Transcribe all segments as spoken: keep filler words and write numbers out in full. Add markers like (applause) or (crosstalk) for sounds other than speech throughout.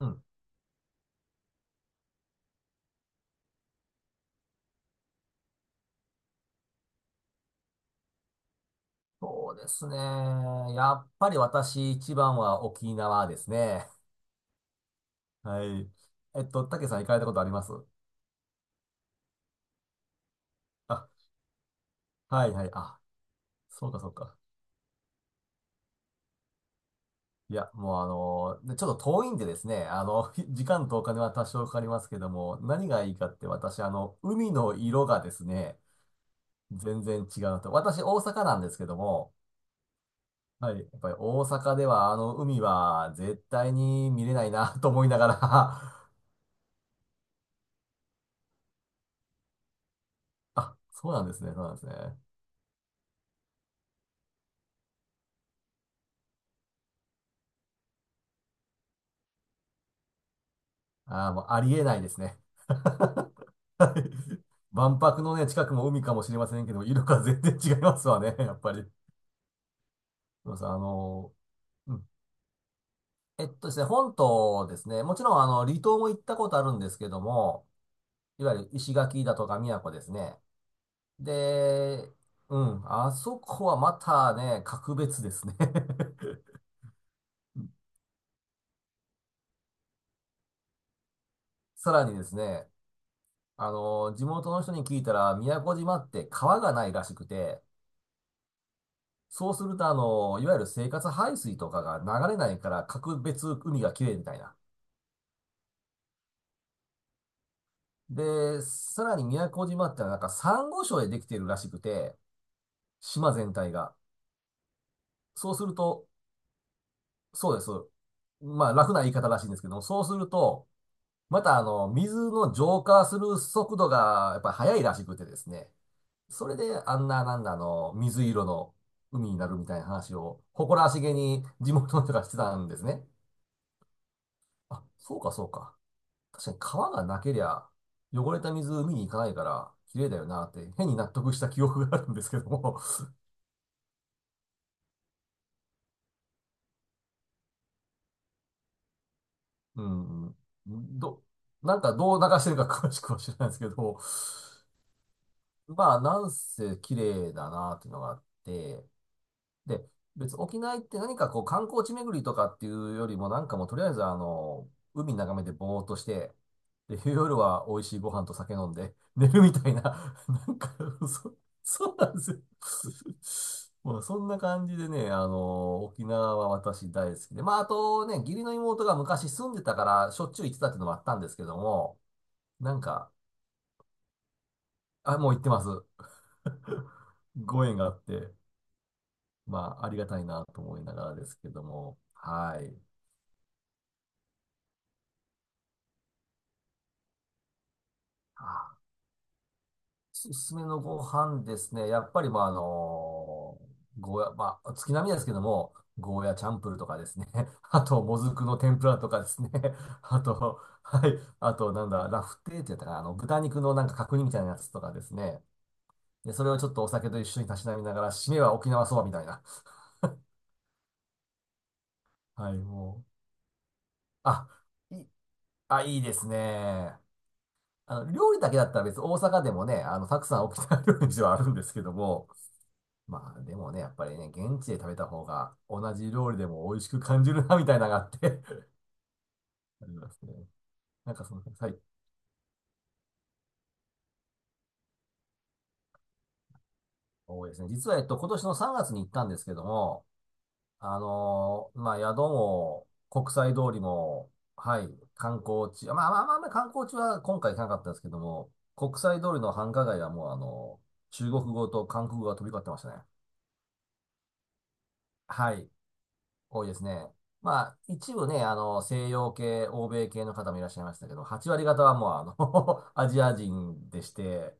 うん。そうですね。やっぱり私一番は沖縄ですね。(laughs) はい。えっと、たけさん行かれたことありますあ、はいはい。あ、そうかそうか。いや、もうあの、でちょっと遠いんでですね、あの、(laughs) 時間とお金は多少かかりますけども、何がいいかって私、あの、海の色がですね、全然違うなと。私、大阪なんですけども、はい。やっぱり大阪ではあの海は絶対に見れないな (laughs) と思いながら (laughs) あ、そうなんですね、そうなんですね。ああ、もうありえないですね。(laughs) はい。万博のね、近くも海かもしれませんけど、色が全然違いますわね、(laughs) やっぱり。そうそう、あの、うん。えっとですね、本島ですね、もちろんあの、離島も行ったことあるんですけども、いわゆる石垣だとか宮古ですね。で、うん、あそこはまたね、格別ですね。(laughs) さらにですね、あの、地元の人に聞いたら、宮古島って川がないらしくて、そうすると、あの、いわゆる生活排水とかが流れないから、格別海が綺麗みたいな。で、さらに宮古島ってのはなんかサンゴ礁でできているらしくて、島全体が。そうすると、そうです。まあ、楽な言い方らしいんですけども、そうすると、またあの、水の浄化する速度がやっぱり速いらしくてですね。それであんな、なんだ、あの、水色の海になるみたいな話を、誇らしげに地元の人がしてたんですね。あ、そうか、そうか。確かに川がなけりゃ、汚れた水海に行かないから、綺麗だよなって変に納得した記憶があるんですけども。(laughs) うん、ど、なんかどう流してるか詳しくは知らないですけど、まあ、なんせ綺麗だなっていうのがあって、で、別、沖縄行って何かこう観光地巡りとかっていうよりも、なんかもうとりあえずあの、海眺めてぼーっとして、で、夜は美味しいご飯と酒飲んで、(laughs) 寝るみたいな、(laughs) なんか、そ、そうなんですよ。(laughs) まあ、そんな感じでね、あの、沖縄は私大好きで、まあ、あとね、義理の妹が昔住んでたから、しょっちゅう行ってたっていうのもあったんですけども、なんか、あ、もう行ってます。(laughs) ご縁があって。まあ、ありがたいなと思いながらですけども、はい。あ、おすすめのご飯ですね。やっぱり、まあ、あのゴーヤ、まあ、月並みですけども、ゴーヤチャンプルとかですね。(laughs) あと、もずくの天ぷらとかですね。(laughs) あと、はい。あと、なんだ、ラフテーってやったかな。あの、豚肉のなんか角煮みたいなやつとかですね。で、それをちょっとお酒と一緒にたしなみながら、締めは沖縄そばみたいな。はい、もう。あ、いい、あ、いいですね。あの、料理だけだったら別に大阪でもね、あの、たくさん沖縄料理店はあるんですけども、まあでもね、やっぱりね、現地で食べた方が同じ料理でも美味しく感じるな、みたいなのがあって (laughs) ありますね。なんかその、はい、多いですね。実は、えっと、今年のさんがつに行ったんですけども、あのーまあ宿も国際通りも、はい、観光地、まあまあまあ、まあ観光地は今回行かなかったんですけども、国際通りの繁華街はもうあの、中国語と韓国語が飛び交ってましたね。はい。多いですね。まあ、一部ね、あの、西洋系、欧米系の方もいらっしゃいましたけど、はち割方はもう、あの (laughs) アジア人でして、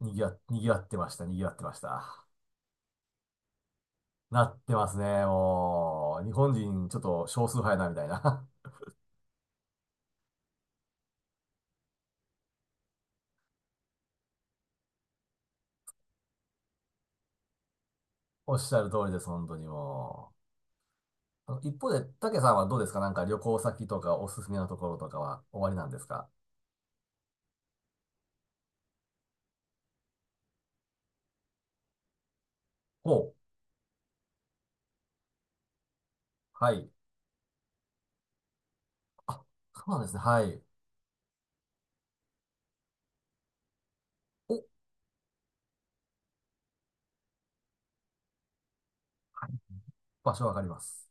にぎわ、にぎわってました、にぎわってました。なってますね、もう。日本人、ちょっと少数派やな、みたいな。(laughs) おっしゃる通りです、本当にもう。あの一方で、竹さんはどうですかなんか旅行先とかおすすめのところとかは終わりなんですか？お、はい。そうなんですね、はい。お、場所わかります。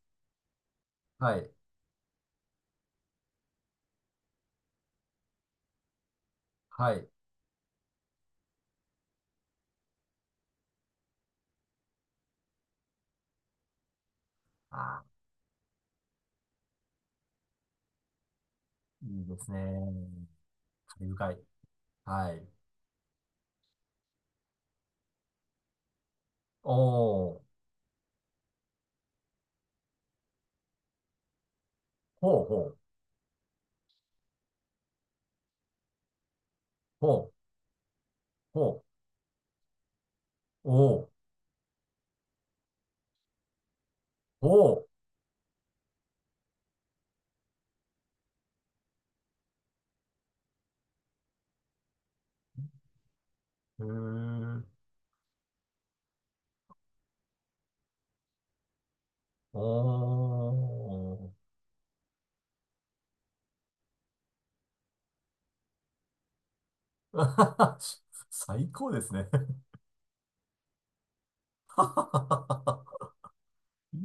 はい、はい。あー、いいですね。愉快。はい。おー、ほうほう、ほう、ほう、おー、ほう、へー、おー。(laughs) 最高ですね。(laughs) いい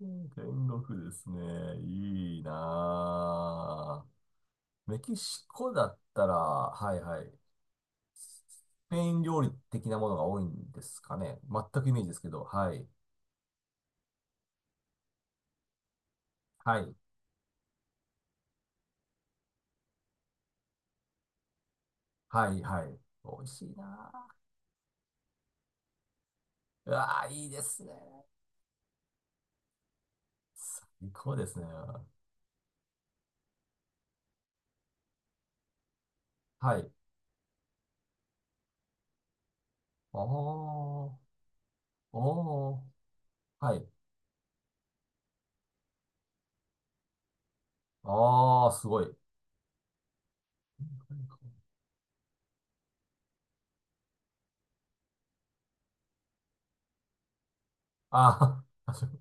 ね、天国ですね。いいなぁ。メキシコだったら、はいはい。スペイン料理的なものが多いんですかね。全くイメージですけど、はい。はい。はいはい。美味しいなぁ。うわぁ、いいですね。最高ですね。はい。ああ、おー、はい。ああ、すごい。ああ、(laughs)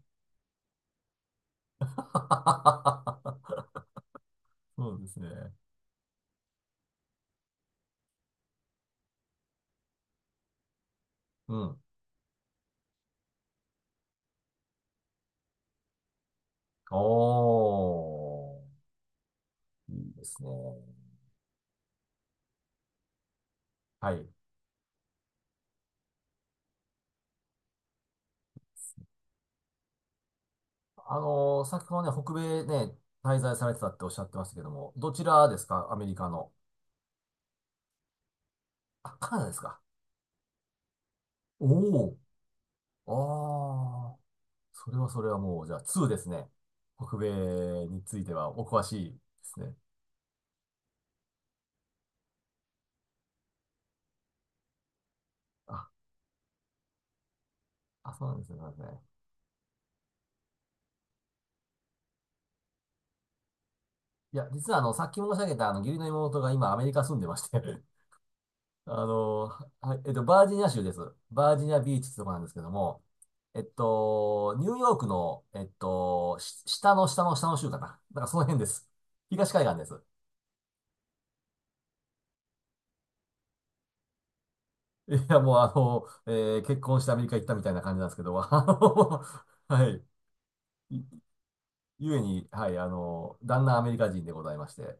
そうですね。うん。おー、いいですね。はい。あのー先ほどね、北米ね、滞在されてたっておっしゃってましたけども、どちらですかアメリカの。あ、カナダですか？おお、ああ、それはそれはもう、じゃあにですね。北米についてはお詳しいですね。あ、あ、そうなんですね。そうなんですね。いや、実はあの、さっき申し上げたあの、義理の妹が今アメリカ住んでまして (laughs) あの、はい、えっと、バージニア州です。バージニアビーチってとこなんですけども、えっと、ニューヨークの、えっと、し下の下の下の州かな。なんかその辺です。東海岸です。いや、もうあの、えー結婚してアメリカ行ったみたいな感じなんですけど、(laughs) あの、(laughs) はい。いゆえに、はい、あの、旦那アメリカ人でございまして、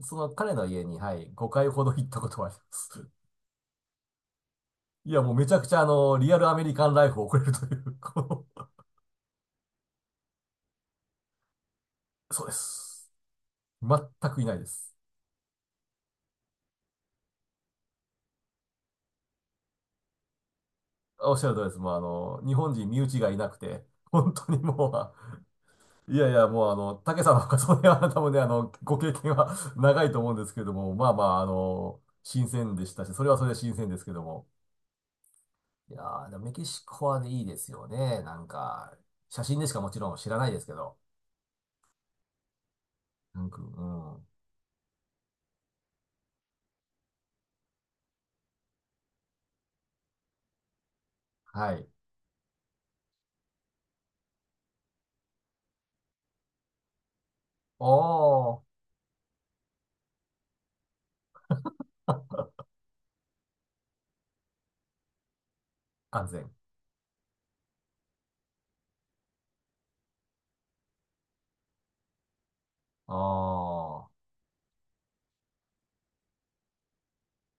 その彼の家に、はい、ごかいほど行ったことはあります。いや、もうめちゃくちゃあの、リアルアメリカンライフを送れるという、こう、(laughs) そうです。全くいないです。おっしゃる通りです。もうあの、日本人身内がいなくて、本当にもうあ、いやいや、もうあの、竹さんの方がそれは多分ね、あの、ご経験は (laughs) 長いと思うんですけれども、まあまあ、あの、新鮮でしたし、それはそれで新鮮ですけども。いやー、でもメキシコはね、いいですよね。なんか、写真でしかもちろん知らないですけど。なんか、うん。はい。おー、安全。ああ。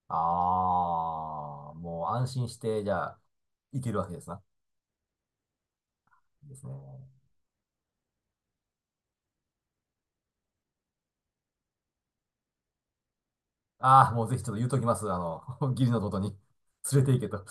ああ、もう安心して、じゃあ、いけるわけですな。いいですね。ああ、もうぜひちょっと言うときます。あの、(laughs) 義理の弟に連れて行けと。